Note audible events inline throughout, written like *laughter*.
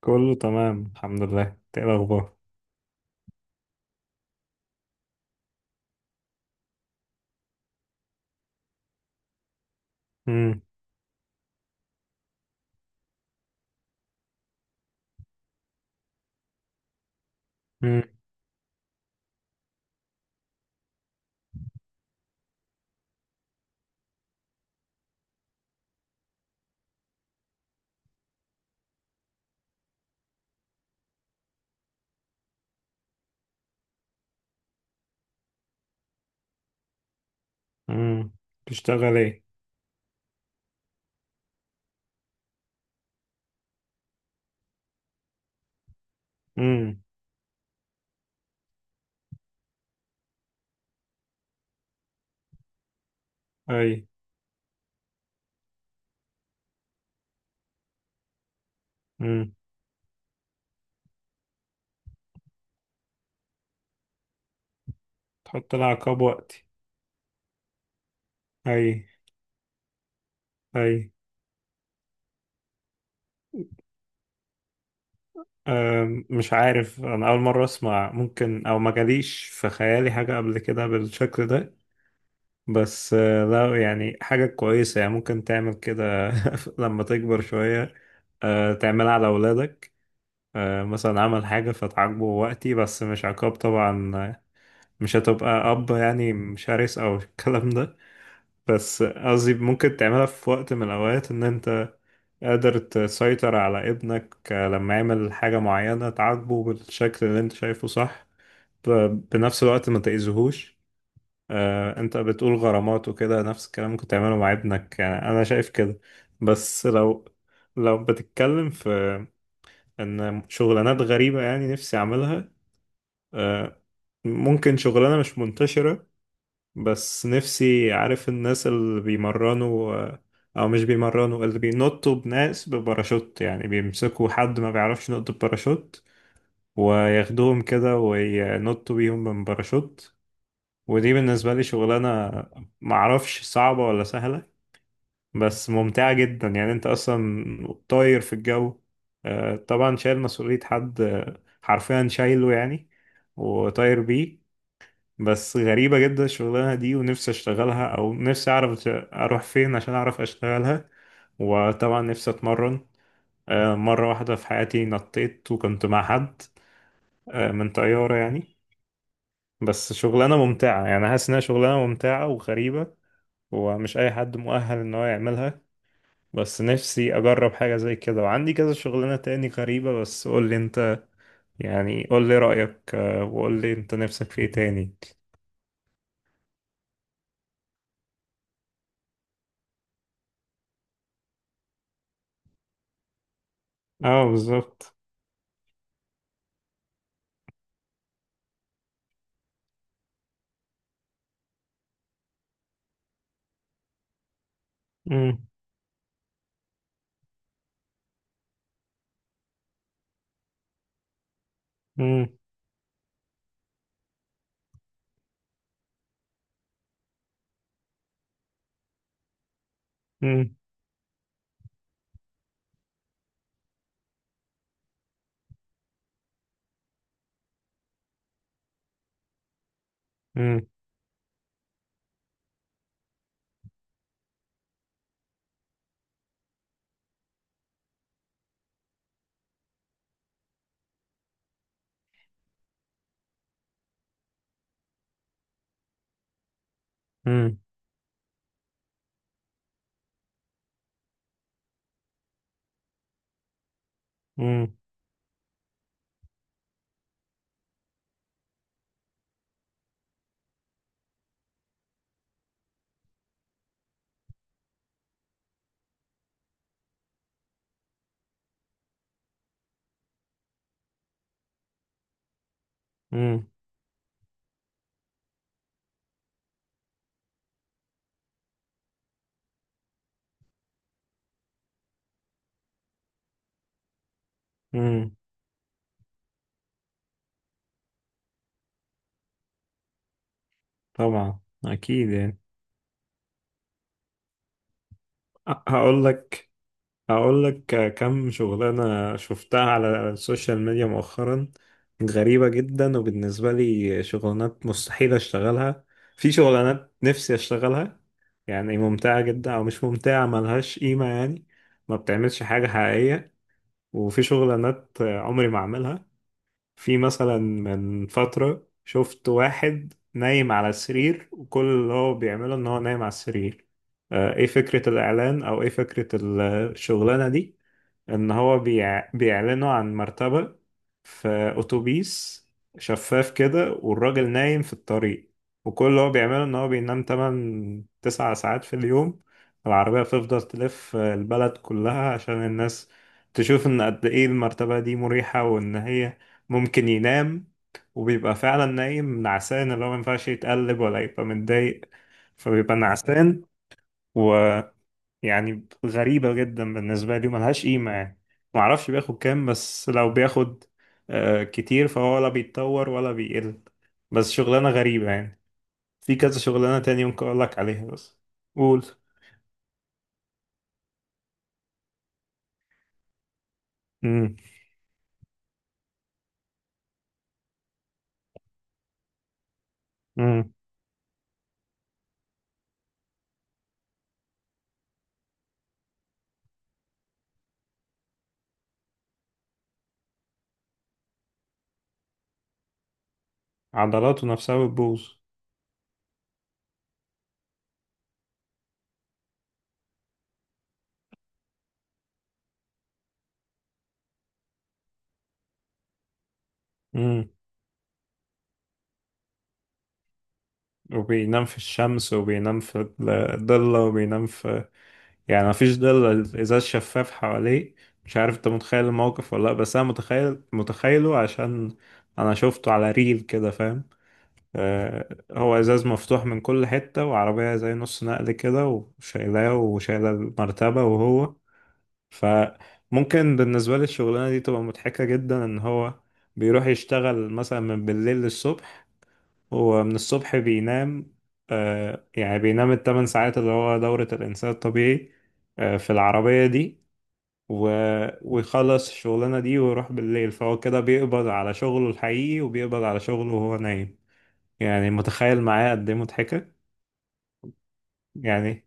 كله تمام، الحمد لله. إنت ايه الاخبار؟ امم. امم. امم. بتشتغل ايه؟ امم. اي. امم. تحط العقاب وقتي؟ اي، اي. مش عارف، انا اول مره اسمع. ممكن او ما جاليش في خيالي حاجه قبل كده بالشكل ده. بس لا، يعني حاجه كويسه، يعني ممكن تعمل كده. *laughs* لما تكبر شويه، تعملها على اولادك. مثلا عمل حاجه فتعاقبه وقتي، بس مش عقاب طبعا. مش هتبقى اب يعني، مش هرس او الكلام ده. بس قصدي ممكن تعملها في وقت من الاوقات، ان انت قادر تسيطر على ابنك لما يعمل حاجة معينة تعاقبه بالشكل اللي انت شايفه، صح. بنفس الوقت ما تأذيهوش. انت بتقول غرامات وكده، نفس الكلام ممكن تعمله مع ابنك، يعني انا شايف كده. بس لو بتتكلم في ان شغلانات غريبة يعني نفسي اعملها. آه، ممكن شغلانة مش منتشرة. بس نفسي عارف الناس اللي بيمرنوا، او مش بيمرنوا، اللي بينطوا بناس بباراشوت، يعني بيمسكوا حد ما بيعرفش ينط بباراشوت وياخدوهم كده وينطوا بيهم من باراشوت. ودي بالنسبة لي شغلانة معرفش صعبة ولا سهلة، بس ممتعة جدا، يعني انت اصلا طاير في الجو. طبعا شايل مسؤولية حد، حرفيا شايله يعني، وطاير بيه. بس غريبة جدا الشغلانة دي، ونفسي اشتغلها او نفسي اعرف اروح فين عشان اعرف اشتغلها. وطبعا نفسي اتمرن. مرة واحدة في حياتي نطيت وكنت مع حد، من طيارة يعني. بس شغلانة ممتعة، يعني حاسس انها شغلانة ممتعة وغريبة، ومش اي حد مؤهل ان هو يعملها. بس نفسي اجرب حاجة زي كده، وعندي كذا شغلانة تاني غريبة، بس قول لي انت. يعني قول لي رأيك، وقول لي انت نفسك في ايه تاني؟ اه، بالظبط. مم، مم، مم. مم. مم. مم. مم. مم. طبعا، اكيد يعني. أ- هقول لك هقول لك كم شغلانه شفتها على السوشيال ميديا مؤخرا. غريبه جدا، وبالنسبه لي شغلانات مستحيل اشتغلها، في شغلانات نفسي اشتغلها. يعني ممتعه جدا، او مش ممتعه ملهاش قيمه يعني، ما بتعملش حاجه حقيقيه. وفي شغلانات عمري ما اعملها. في مثلا من فترة شفت واحد نايم على السرير، وكل اللي هو بيعمله ان هو نايم على السرير. ايه فكرة الاعلان او ايه فكرة الشغلانة دي؟ ان هو بيعلنوا عن مرتبة في أتوبيس شفاف كده، والراجل نايم في الطريق. وكل اللي هو بيعمله إن هو بينام 8 9 ساعات في اليوم. العربية بتفضل تلف البلد كلها عشان الناس تشوف إن قد إيه المرتبة دي مريحة، وإن هي ممكن ينام. وبيبقى فعلا نايم نعسان، اللي هو مينفعش يتقلب ولا يبقى متضايق، فبيبقى نعسان و... يعني غريبة جدا بالنسبة لي وملهاش قيمة يعني. معرفش بياخد كام، بس لو بياخد كتير فهو ولا بيتطور ولا بيقل. بس شغلانة غريبة يعني. في كذا شغلانة تاني ممكن أقولك عليها، بس قول. امم. امم. عضلاته نفسها بتبوظ. امم. وبينام في الشمس وبينام في الضلة وبينام في... يعني مفيش ضلة، الإزاز شفاف حواليه. مش عارف انت متخيل الموقف ولا لأ، بس أنا متخيل، متخيله عشان أنا شفته على ريل كده، فاهم؟ هو ازاز مفتوح من كل حتة، وعربية زي نص نقل كده وشايلاه، وشايلة المرتبة، وهو... فممكن بالنسبة لي الشغلانة دي تبقى مضحكة جدا، ان هو بيروح يشتغل مثلا من بالليل للصبح، ومن الصبح بينام. يعني بينام ال 8 ساعات اللي هو دورة الإنسان الطبيعي، في العربية دي، و- ويخلص الشغلانة دي ويروح بالليل. فهو كده بيقبض على شغله الحقيقي وبيقبض على شغله وهو نايم. يعني متخيل معايا قد ايه مضحكة؟ يعني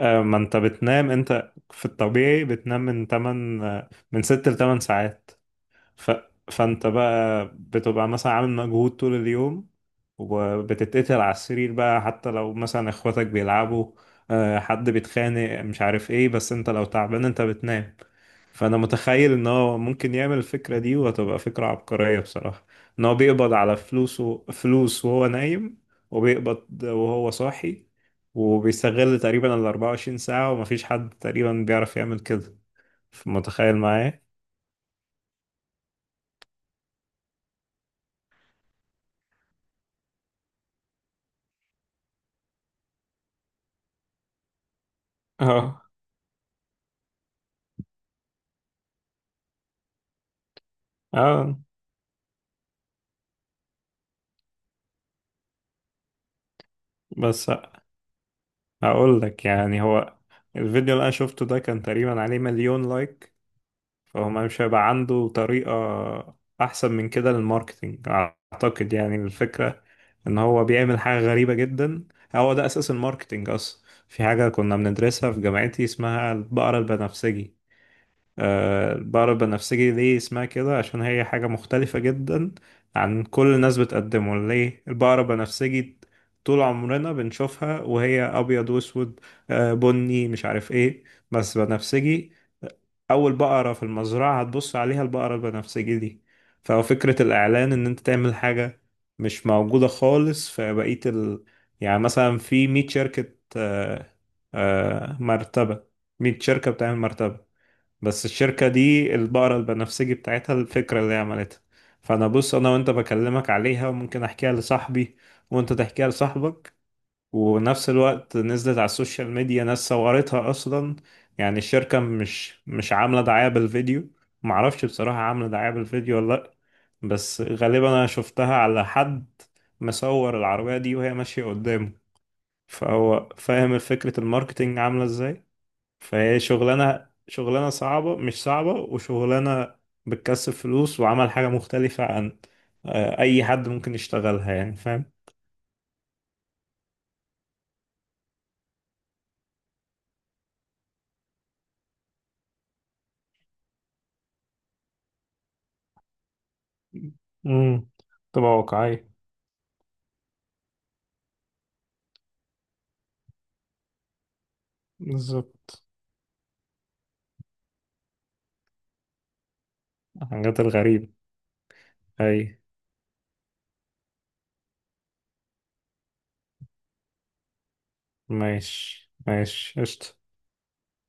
ما انت بتنام، انت في الطبيعي بتنام من 8، من 6 ل 8 ساعات. ف... فانت بقى بتبقى مثلا عامل مجهود طول اليوم وبتتقتل على السرير بقى، حتى لو مثلا اخواتك بيلعبوا، حد بيتخانق مش عارف ايه، بس انت لو تعبان انت بتنام. فانا متخيل ان هو ممكن يعمل الفكره دي، وهتبقى فكره عبقريه بصراحه، ان هو بيقبض على فلوسه، فلوس وهو نايم وبيقبض وهو صاحي، وبيستغل تقريبا ال 24 ساعه، ومفيش حد تقريبا بيعرف يعمل كده. متخيل معايا؟ اه، اه. بس هقول لك يعني، هو الفيديو اللي انا شفته ده كان تقريبا عليه مليون لايك، فهو مش هيبقى عنده طريقه احسن من كده للماركتينج اعتقد. يعني الفكره ان هو بيعمل حاجة غريبة جدا، هو ده اساس الماركتينج اصلا. في حاجة كنا بندرسها في جامعتي اسمها البقرة البنفسجي. البقرة البنفسجي ليه اسمها كده؟ عشان هي حاجة مختلفة جدا عن كل الناس بتقدمه. ليه البقرة البنفسجي؟ طول عمرنا بنشوفها وهي ابيض واسود، بني مش عارف ايه، بس بنفسجي. اول بقرة في المزرعة هتبص عليها البقرة البنفسجي دي. ففكرة الاعلان ان انت تعمل حاجة مش موجودة خالص في بقية يعني مثلا في 100 شركة مرتبة، 100 شركة بتعمل مرتبة، بس الشركة دي البقرة البنفسجي بتاعتها، الفكرة اللي هي عملتها. فانا بص، انا وانت بكلمك عليها، وممكن احكيها لصاحبي، وانت تحكيها لصاحبك. ونفس الوقت نزلت على السوشيال ميديا، ناس صورتها اصلا. يعني الشركة مش عاملة دعاية بالفيديو، معرفش بصراحة عاملة دعاية بالفيديو ولا لا، بس غالبا انا شفتها على حد مصور العربية دي وهي ماشية قدامه. فهو فاهم فكرة الماركتينج عاملة ازاي. فهي شغلانة، شغلانة صعبة مش صعبة، وشغلانة بتكسب فلوس وعمل حاجة مختلفة عن أي حد ممكن يشتغلها، يعني فاهم؟ امم. تبقى واقعية. بالظبط، حاجات الغريبة. أي. ماشي، ماشي، قشطة.